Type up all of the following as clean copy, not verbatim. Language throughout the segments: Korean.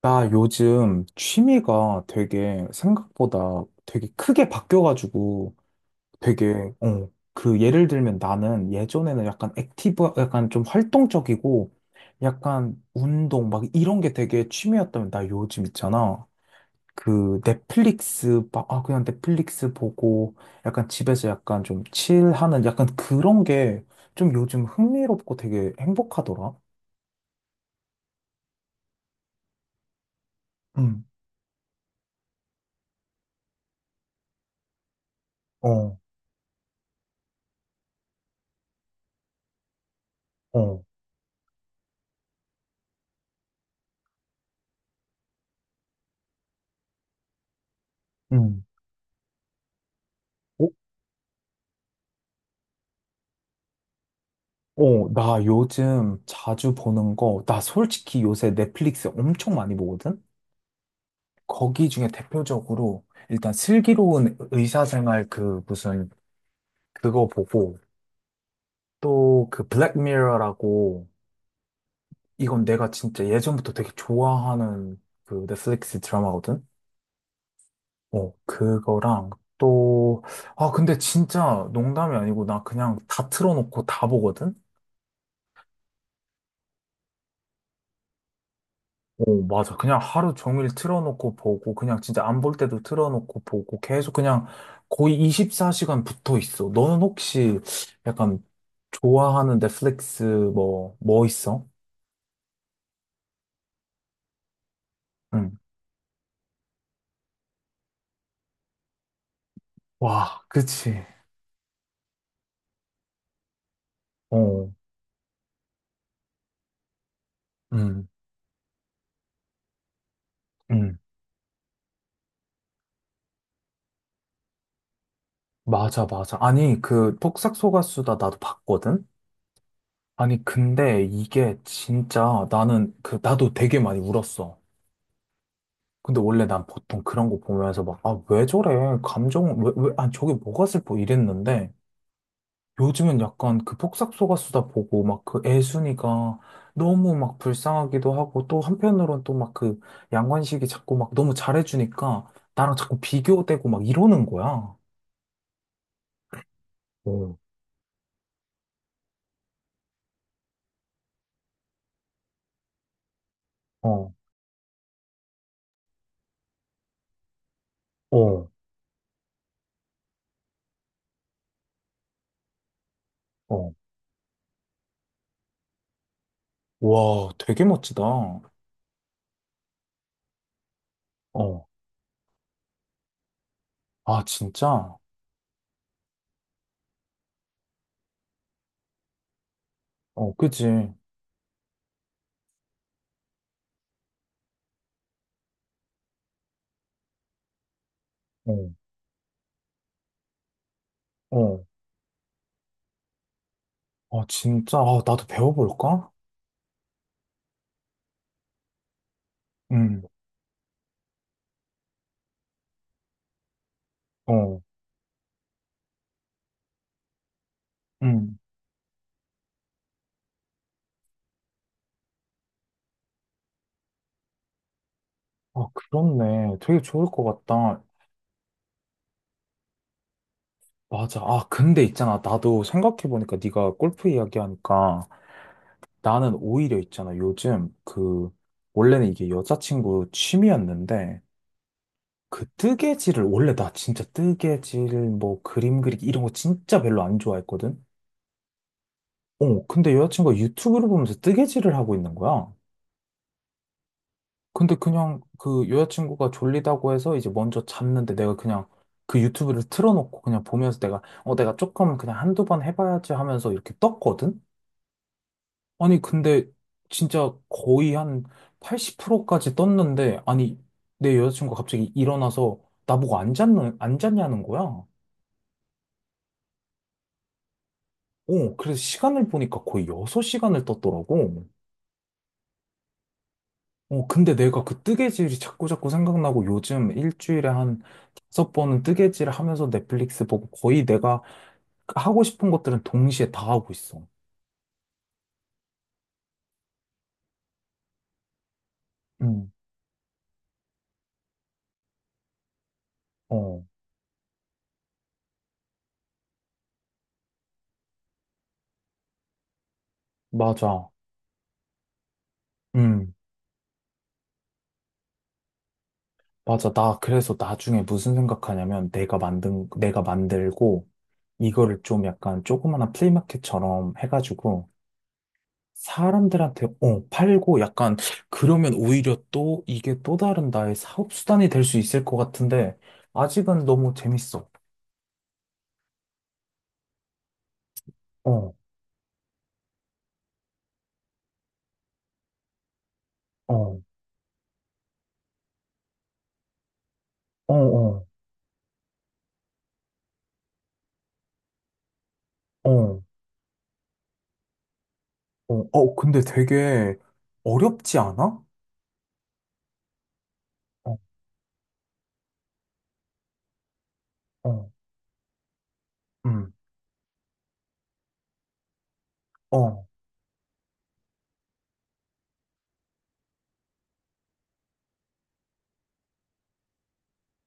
나 요즘 취미가 되게 생각보다 되게 크게 바뀌어가지고 되게, 어, 그 예를 들면 나는 예전에는 약간 액티브, 약간 좀 활동적이고 약간 운동 막 이런 게 되게 취미였다면 나 요즘 있잖아. 그 넷플릭스, 막, 아, 그냥 넷플릭스 보고 약간 집에서 약간 좀 칠하는 약간 그런 게 좀 요즘 흥미롭고 되게 행복하더라. 응, 어, 어, 응. 어, 나 요즘 자주 보는 거, 나 솔직히 요새 넷플릭스 엄청 많이 보거든? 거기 중에 대표적으로 일단 슬기로운 의사생활 그 무슨 그거 보고 또 그 블랙미러라고 이건 내가 진짜 예전부터 되게 좋아하는 그 넷플릭스 드라마거든? 어, 그거랑 또, 아, 근데 진짜 농담이 아니고 나 그냥 다 틀어놓고 다 보거든? 어, 맞아. 그냥 하루 종일 틀어놓고 보고, 그냥 진짜 안 볼 때도 틀어놓고 보고, 계속 그냥 거의 24시간 붙어 있어. 너는 혹시 약간 좋아하는 넷플릭스 뭐, 뭐 있어? 응. 와, 그치. 어, 응, 응. 맞아, 맞아. 아니, 그, 폭삭소가수다 나도 봤거든? 아니, 근데 이게 진짜 나는 그, 나도 되게 많이 울었어. 근데 원래 난 보통 그런 거 보면서 막, 아, 왜 저래? 감정, 왜, 왜, 아, 저게 뭐가 슬퍼? 이랬는데, 요즘은 약간 그 폭삭소가수다 보고, 막 그 애순이가 너무 막 불쌍하기도 하고, 또 한편으론 또 막 그 양관식이 자꾸 막 너무 잘해주니까, 나랑 자꾸 비교되고 막 이러는 거야. 어, 어, 어, 어. 와, 되게 멋지다. 어, 아, 진짜? 어, 그지? 어, 어, 아, 진짜? 아, 나도 배워볼까? 응, 어, 응. 아, 그렇네. 되게 좋을 것 같다. 맞아. 아, 근데 있잖아. 나도 생각해보니까 네가 골프 이야기하니까 나는 오히려 있잖아. 요즘 그, 원래는 이게 여자친구 취미였는데 그 뜨개질을 원래 나 진짜 뜨개질 뭐 그림 그리기 이런 거 진짜 별로 안 좋아했거든. 어, 근데 여자친구가 유튜브를 보면서 뜨개질을 하고 있는 거야. 근데 그냥 그 여자친구가 졸리다고 해서 이제 먼저 잤는데 내가 그냥 그 유튜브를 틀어놓고 그냥 보면서 내가 어 내가 조금 그냥 1~2번 해봐야지 하면서 이렇게 떴거든? 아니 근데 진짜 거의 한 80%까지 떴는데 아니 내 여자친구가 갑자기 일어나서 나보고 안 잤냐는 거야. 어 그래서 시간을 보니까 거의 6시간을 떴더라고. 어, 근데 내가 그 뜨개질이 자꾸 자꾸 생각나고 요즘 일주일에 한 5번은 뜨개질을 하면서 넷플릭스 보고 거의 내가 하고 싶은 것들은 동시에 다 하고 있어. 응. 어, 맞아. 응 맞아. 나 그래서 나중에 무슨 생각하냐면 내가 만든, 내가 만들고 이거를 좀 약간 조그마한 플리마켓처럼 해가지고 사람들한테 어, 팔고 약간 그러면 오히려 또 이게 또 다른 나의 사업 수단이 될 수 있을 것 같은데 아직은 너무 재밌어. 어, 어, 어, 어, 어, 어, 어, 근데 되게 어렵지 않아? 어, 어, 음, 어.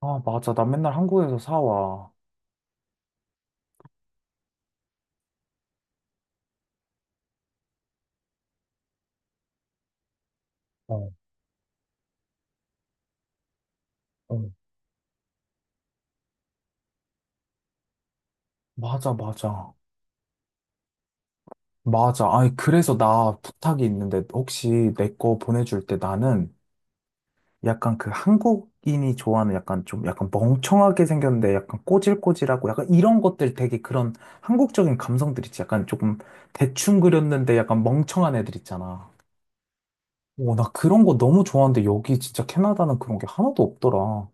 아, 맞아. 나 맨날 한국에서 사와. 어, 어. 맞아, 맞아. 맞아. 아니, 그래서 나 부탁이 있는데 혹시 내 거 보내줄 때 나는 약간 그 한국인이 좋아하는 약간 좀 약간 멍청하게 생겼는데 약간 꼬질꼬질하고 약간 이런 것들 되게 그런 한국적인 감성들 있지. 약간 조금 대충 그렸는데 약간 멍청한 애들 있잖아. 오, 나 그런 거 너무 좋아하는데 여기 진짜 캐나다는 그런 게 하나도 없더라. 어,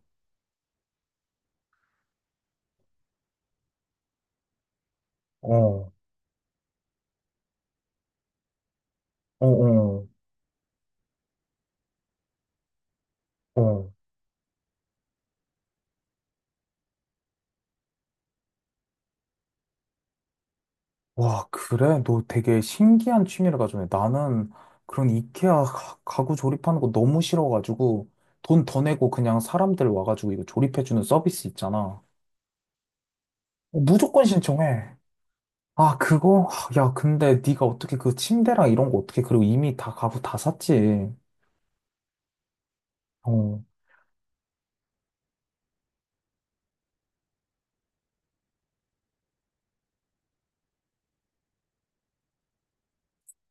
어, 어, 어. 와, 그래? 너 되게 신기한 취미를 가졌네. 나는 그런 이케아 가구 조립하는 거 너무 싫어가지고 돈 더 내고 그냥 사람들 와가지고 이거 조립해주는 서비스 있잖아. 무조건 신청해. 아, 그거? 아, 야, 근데 네가 어떻게 그 침대랑 이런 거 어떻게 그리고 이미 다 가구 다 샀지. 어.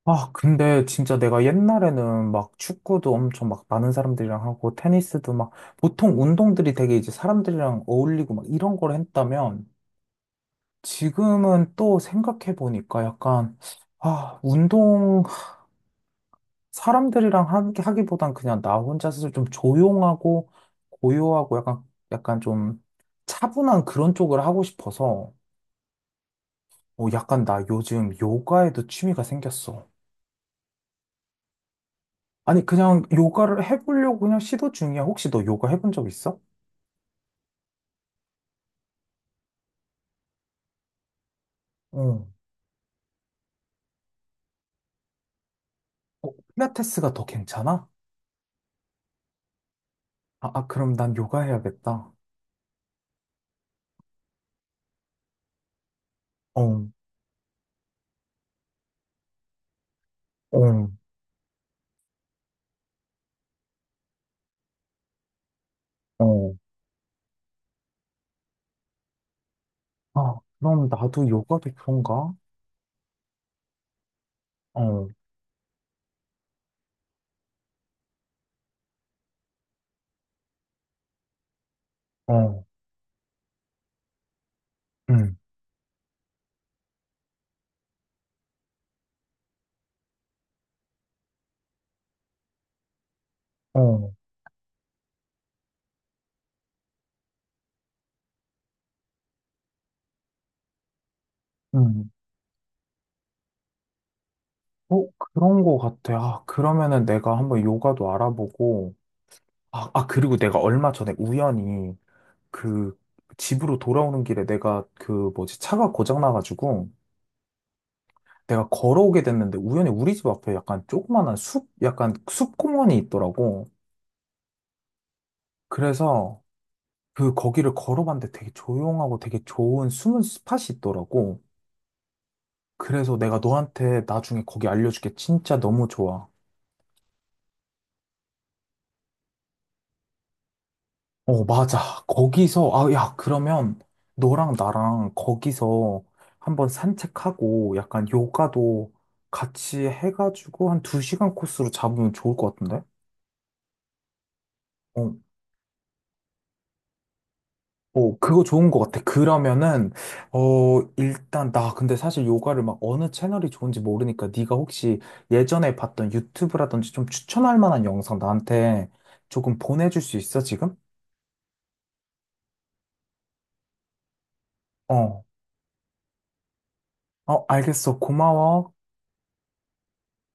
아, 근데 진짜 내가 옛날에는 막 축구도 엄청 막 많은 사람들이랑 하고 테니스도 막 보통 운동들이 되게 이제 사람들이랑 어울리고 막 이런 걸 했다면 지금은 또 생각해 보니까 약간 아, 운동 사람들이랑 하기보단 그냥 나 혼자서 좀 조용하고 고요하고 약간, 약간 좀 차분한 그런 쪽을 하고 싶어서 어, 약간 나 요즘 요가에도 취미가 생겼어. 아니, 그냥 요가를 해보려고 그냥 시도 중이야. 혹시 너 요가 해본 적 있어? 어. 어, 필라테스가 더 괜찮아? 아, 아, 그럼 난 요가 해야겠다. 어, 어, 어. 아, 그럼 나도 요가도 그런가? 어, 어, 응, 어, 응. 어, 그런 거 같아. 아, 그러면은 내가 한번 요가도 알아보고, 아, 아, 그리고 내가 얼마 전에 우연히 그 집으로 돌아오는 길에 내가 그 뭐지, 차가 고장나가지고 내가 걸어오게 됐는데 우연히 우리 집 앞에 약간 조그만한 숲, 약간 숲공원이 있더라고. 그래서 그 거기를 걸어봤는데 되게 조용하고 되게 좋은 숨은 스팟이 있더라고. 그래서 내가 너한테 나중에 거기 알려줄게. 진짜 너무 좋아. 어, 맞아. 거기서, 아, 야, 그러면 너랑 나랑 거기서 한번 산책하고 약간 요가도 같이 해가지고 한 2시간 코스로 잡으면 좋을 것 같은데? 어, 어, 그거 좋은 것 같아. 그러면은, 어, 일단 나 근데 사실 요가를 막 어느 채널이 좋은지 모르니까 네가 혹시 예전에 봤던 유튜브라든지 좀 추천할 만한 영상 나한테 조금 보내줄 수 있어, 지금? 어, 어, 알겠어. 고마워.